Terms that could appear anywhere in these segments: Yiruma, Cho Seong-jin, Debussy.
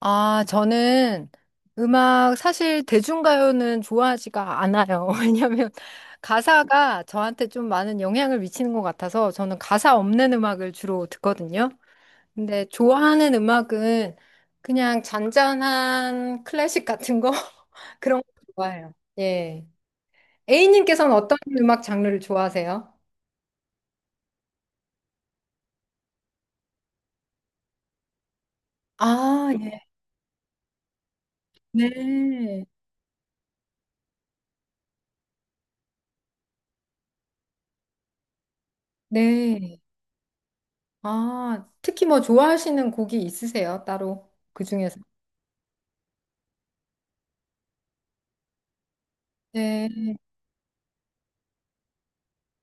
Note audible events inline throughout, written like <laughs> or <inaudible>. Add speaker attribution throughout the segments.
Speaker 1: 아, 저는 음악, 사실 대중가요는 좋아하지가 않아요. <laughs> 왜냐면 가사가 저한테 좀 많은 영향을 미치는 것 같아서 저는 가사 없는 음악을 주로 듣거든요. 근데 좋아하는 음악은 그냥 잔잔한 클래식 같은 거? <laughs> 그런 거 좋아해요. 예. A님께서는 어떤 음악 장르를 좋아하세요? 아, 예. 네. 네. 아, 특히 뭐 좋아하시는 곡이 있으세요? 따로 그 중에서? 네.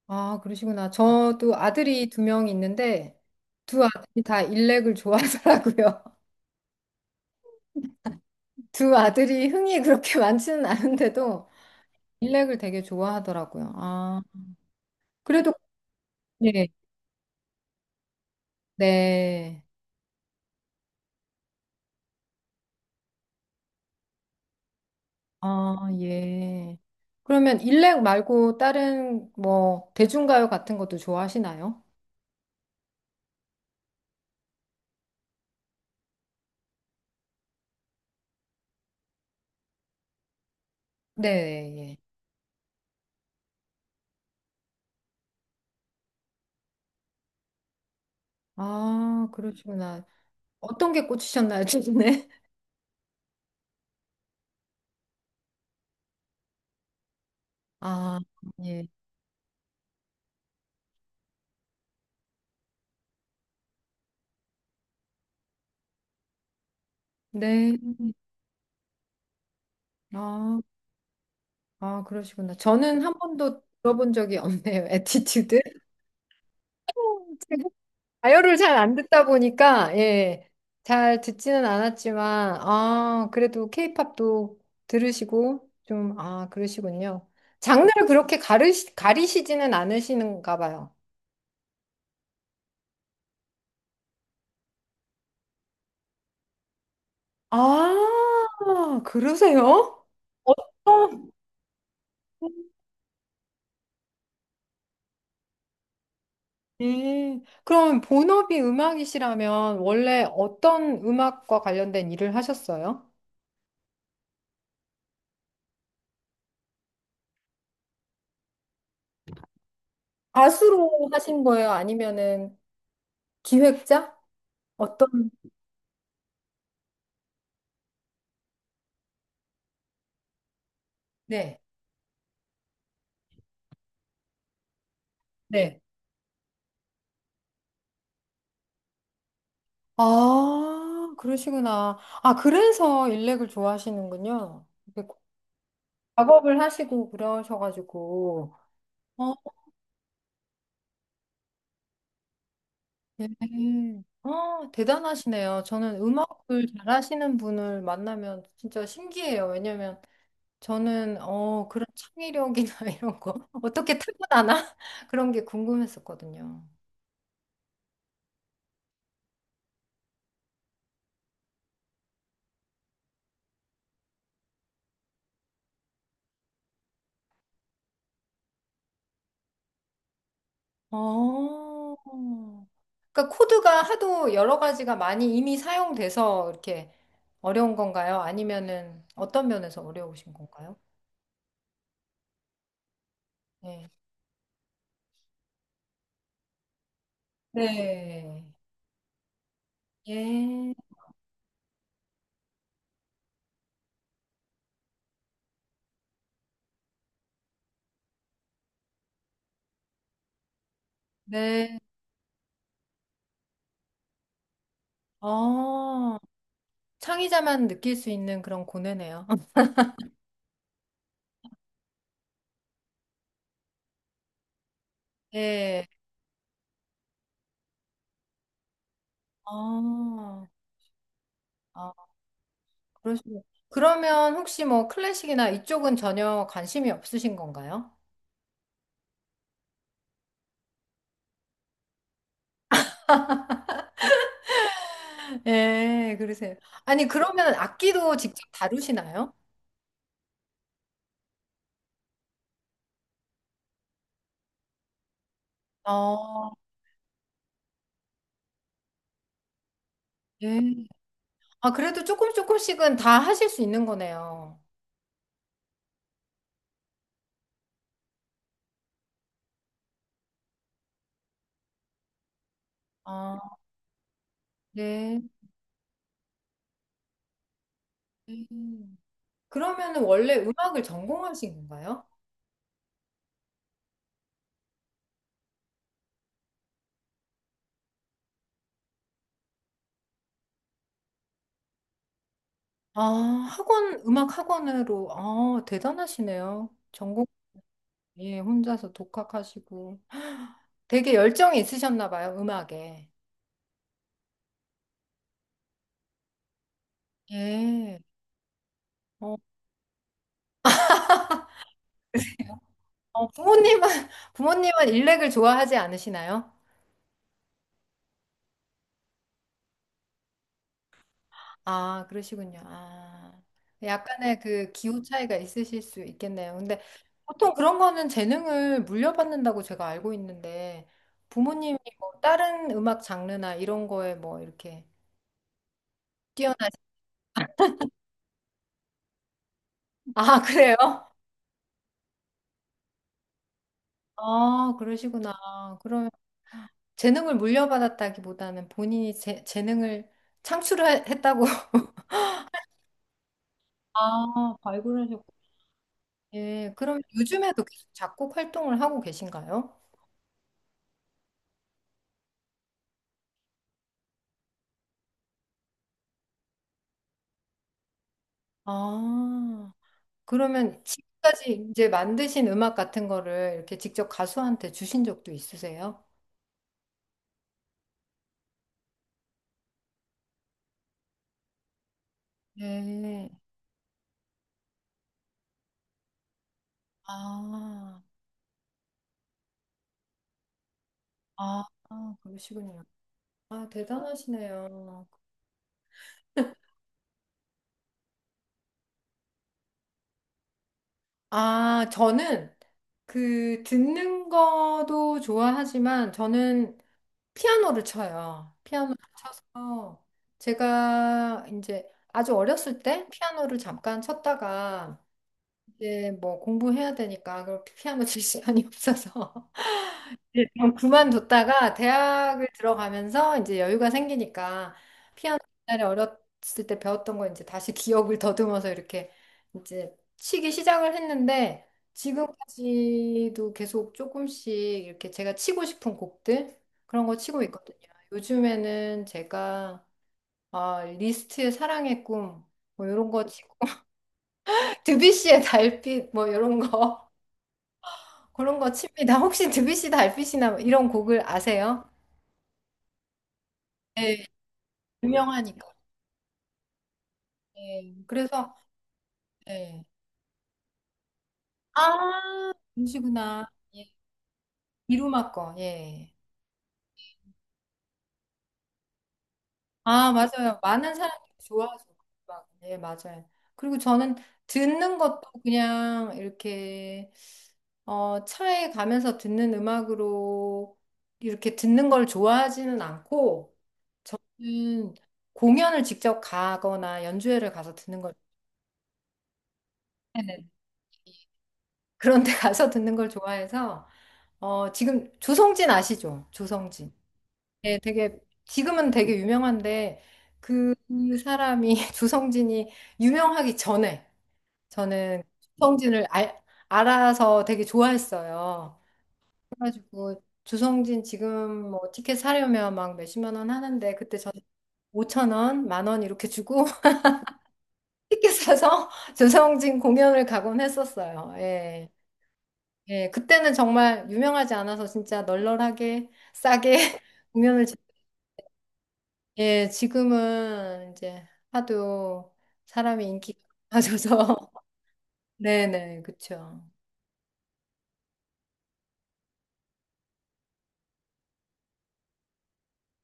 Speaker 1: 아, 그러시구나. 저도 아들이 두 명 있는데 두 아들이 다 일렉을 좋아하더라고요. <laughs> 두 아들이 흥이 그렇게 많지는 않은데도 일렉을 되게 좋아하더라고요. 아, 그래도 예. 네. 아, 예. 그러면 일렉 말고 다른 뭐 대중가요 같은 것도 좋아하시나요? 네, 예. 아, 그러시구나. 어떤 게 꽂히셨나요, 최근에? <laughs> 아, 예. 네. 아. 아, 그러시구나. 저는 한 번도 들어본 적이 없네요. <laughs> 에티튜드 <laughs> 가요를 잘 안 듣다 보니까, 예, 잘 듣지는 않았지만, 아, 그래도 케이팝도 들으시고, 좀, 아, 그러시군요. 장르를 그렇게 가리시지는 않으시는가 봐요. 아, 그러세요? 어떤, 예. 그럼 본업이 음악이시라면 원래 어떤 음악과 관련된 일을 하셨어요? 가수로 하신 거예요? 아니면은 기획자? 어떤, 네, 네. 아, 그러시구나. 아, 그래서 일렉을 좋아하시는군요. 이렇게 작업을 하시고 그러셔가지고. 어, 네. 아, 대단하시네요. 저는 음악을 잘하시는 분을 만나면 진짜 신기해요. 왜냐면 저는, 어, 그런 창의력이나 <laughs> 이런 거 어떻게 타고나나? <laughs> 그런 게 궁금했었거든요. 어. 그러니까 코드가 하도 여러 가지가 많이 이미 사용돼서 이렇게 어려운 건가요? 아니면은 어떤 면에서 어려우신 건가요? 네. 네. 예. 네. 어. 창의자만 느낄 수 있는 그런 고뇌네요. <laughs> 예. 어. 아, 그러시면 그러면 혹시 뭐 클래식이나 이쪽은 전혀 관심이 없으신 건가요? <laughs> 예, 그러세요. 아니, 그러면 악기도 직접 다루시나요? 어. 네. 아, 그래도 조금 조금씩은 다 하실 수 있는 거네요. 아, 네. 음. 그러면은 원래 음악을 전공하신 건가요? 아, 학원, 음악 학원으로, 아, 대단하시네요. 전공, 예, 혼자서 독학하시고. 되게 열정이 있으셨나 봐요, 음악에. 예. 어, 어, 부모님은, <laughs> 부모님은 일렉을 좋아하지 않으시나요? 아, 그러시군요. 아, 약간의 그 기호 차이가 있으실 수 있겠네요. 근데 보통 그런 거는 재능을 물려받는다고 제가 알고 있는데 부모님이 뭐 다른 음악 장르나 이런 거에 뭐 이렇게 뛰어나신 아, 그래요? 아, 그러시구나. 그럼 재능을 물려받았다기보다는 본인이 재능을 창출했다고. <laughs> 아, 발굴하셨고. 예, 그럼 요즘에도 계속 작곡 활동을 하고 계신가요? 아. 그러면 지금까지 이제 만드신 음악 같은 거를 이렇게 직접 가수한테 주신 적도 있으세요? 네. 아, 아, 아, 그러시군요. 아, 대단하시네요. 아, 저는 그 듣는 거도 좋아하지만 저는 피아노를 쳐요. 피아노. 어, 제가 이제 아주 어렸을 때 피아노를 잠깐 쳤다가 이제 뭐 공부해야 되니까 그 피아노 칠 <laughs> 시간이 없어서 네, 좀 그만뒀다가 대학을 들어가면서 이제 여유가 생기니까 피아노 옛날에 어렸을 때 배웠던 거 이제 다시 기억을 더듬어서 이렇게 이제 치기 시작을 했는데 지금까지도 계속 조금씩 이렇게 제가 치고 싶은 곡들 그런 거 치고 있거든요. 요즘에는 제가 아, 리스트의 사랑의 꿈 뭐 이런 거 치고 <laughs> 드뷔시의 달빛 뭐 이런 거 <laughs> 그런 거 칩니다. 혹시 드뷔시 달빛이나 뭐 이런 곡을 아세요? 네. 유명하니까. 예. 그래서 예. 아, 음식이구나. 예. 이루마 거. 예. 아, 맞아요. 많은 사람들이 좋아하죠. 막, 예, 맞아요. 그리고 저는 듣는 것도 그냥 이렇게 어, 차에 가면서 듣는 음악으로 이렇게 듣는 걸 좋아하지는 않고 음, 공연을 직접 가거나 연주회를 가서 듣는 걸 네네. 그런 데 가서 듣는 걸 좋아해서 어, 지금 조성진 아시죠? 조성진. 네, 되게 지금은 되게 유명한데 그 사람이 <laughs> 조성진이 유명하기 전에 저는 조성진을 알아서 되게 좋아했어요. 그래가지고 조성진 지금 뭐 티켓 사려면 막 몇십만 원 하는데 그때 저는 5천 원, 10,000원 이렇게 주고 <laughs> 티켓 사서 <laughs> 조성진 공연을 가곤 했었어요. 예. 예, 그때는 정말 유명하지 않아서 진짜 널널하게 싸게 <laughs> 공연을 예, 지금은 이제 하도 사람이 인기가 많아져서. <laughs> 네네, 그쵸.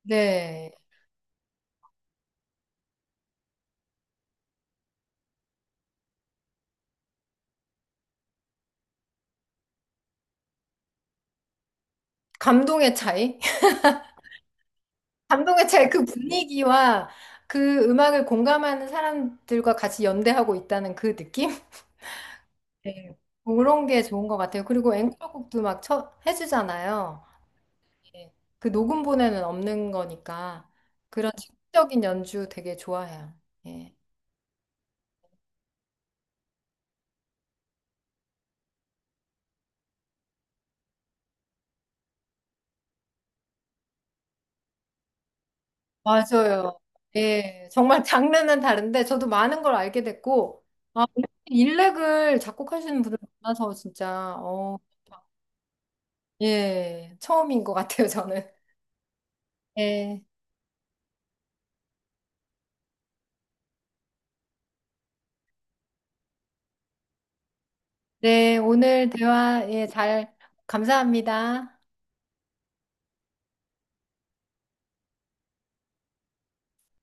Speaker 1: 네. 감동의 차이? <laughs> 감동의 차이, 그 분위기와 그 음악을 공감하는 사람들과 같이 연대하고 있다는 그 느낌? <laughs> 네. 그런 게 좋은 것 같아요. 그리고 앵콜곡도 막 해주잖아요. 예. 그 녹음본에는 없는 거니까. 그런 즉적인 연주 되게 좋아해요. 예. 맞아요. 예, 정말 장르는 다른데 저도 많은 걸 알게 됐고, 아, 일렉을 작곡하시는 분을 만나서 진짜, 어, 예, 처음인 것 같아요, 저는. 예, 네, 오늘 대화, 예, 잘, 감사합니다.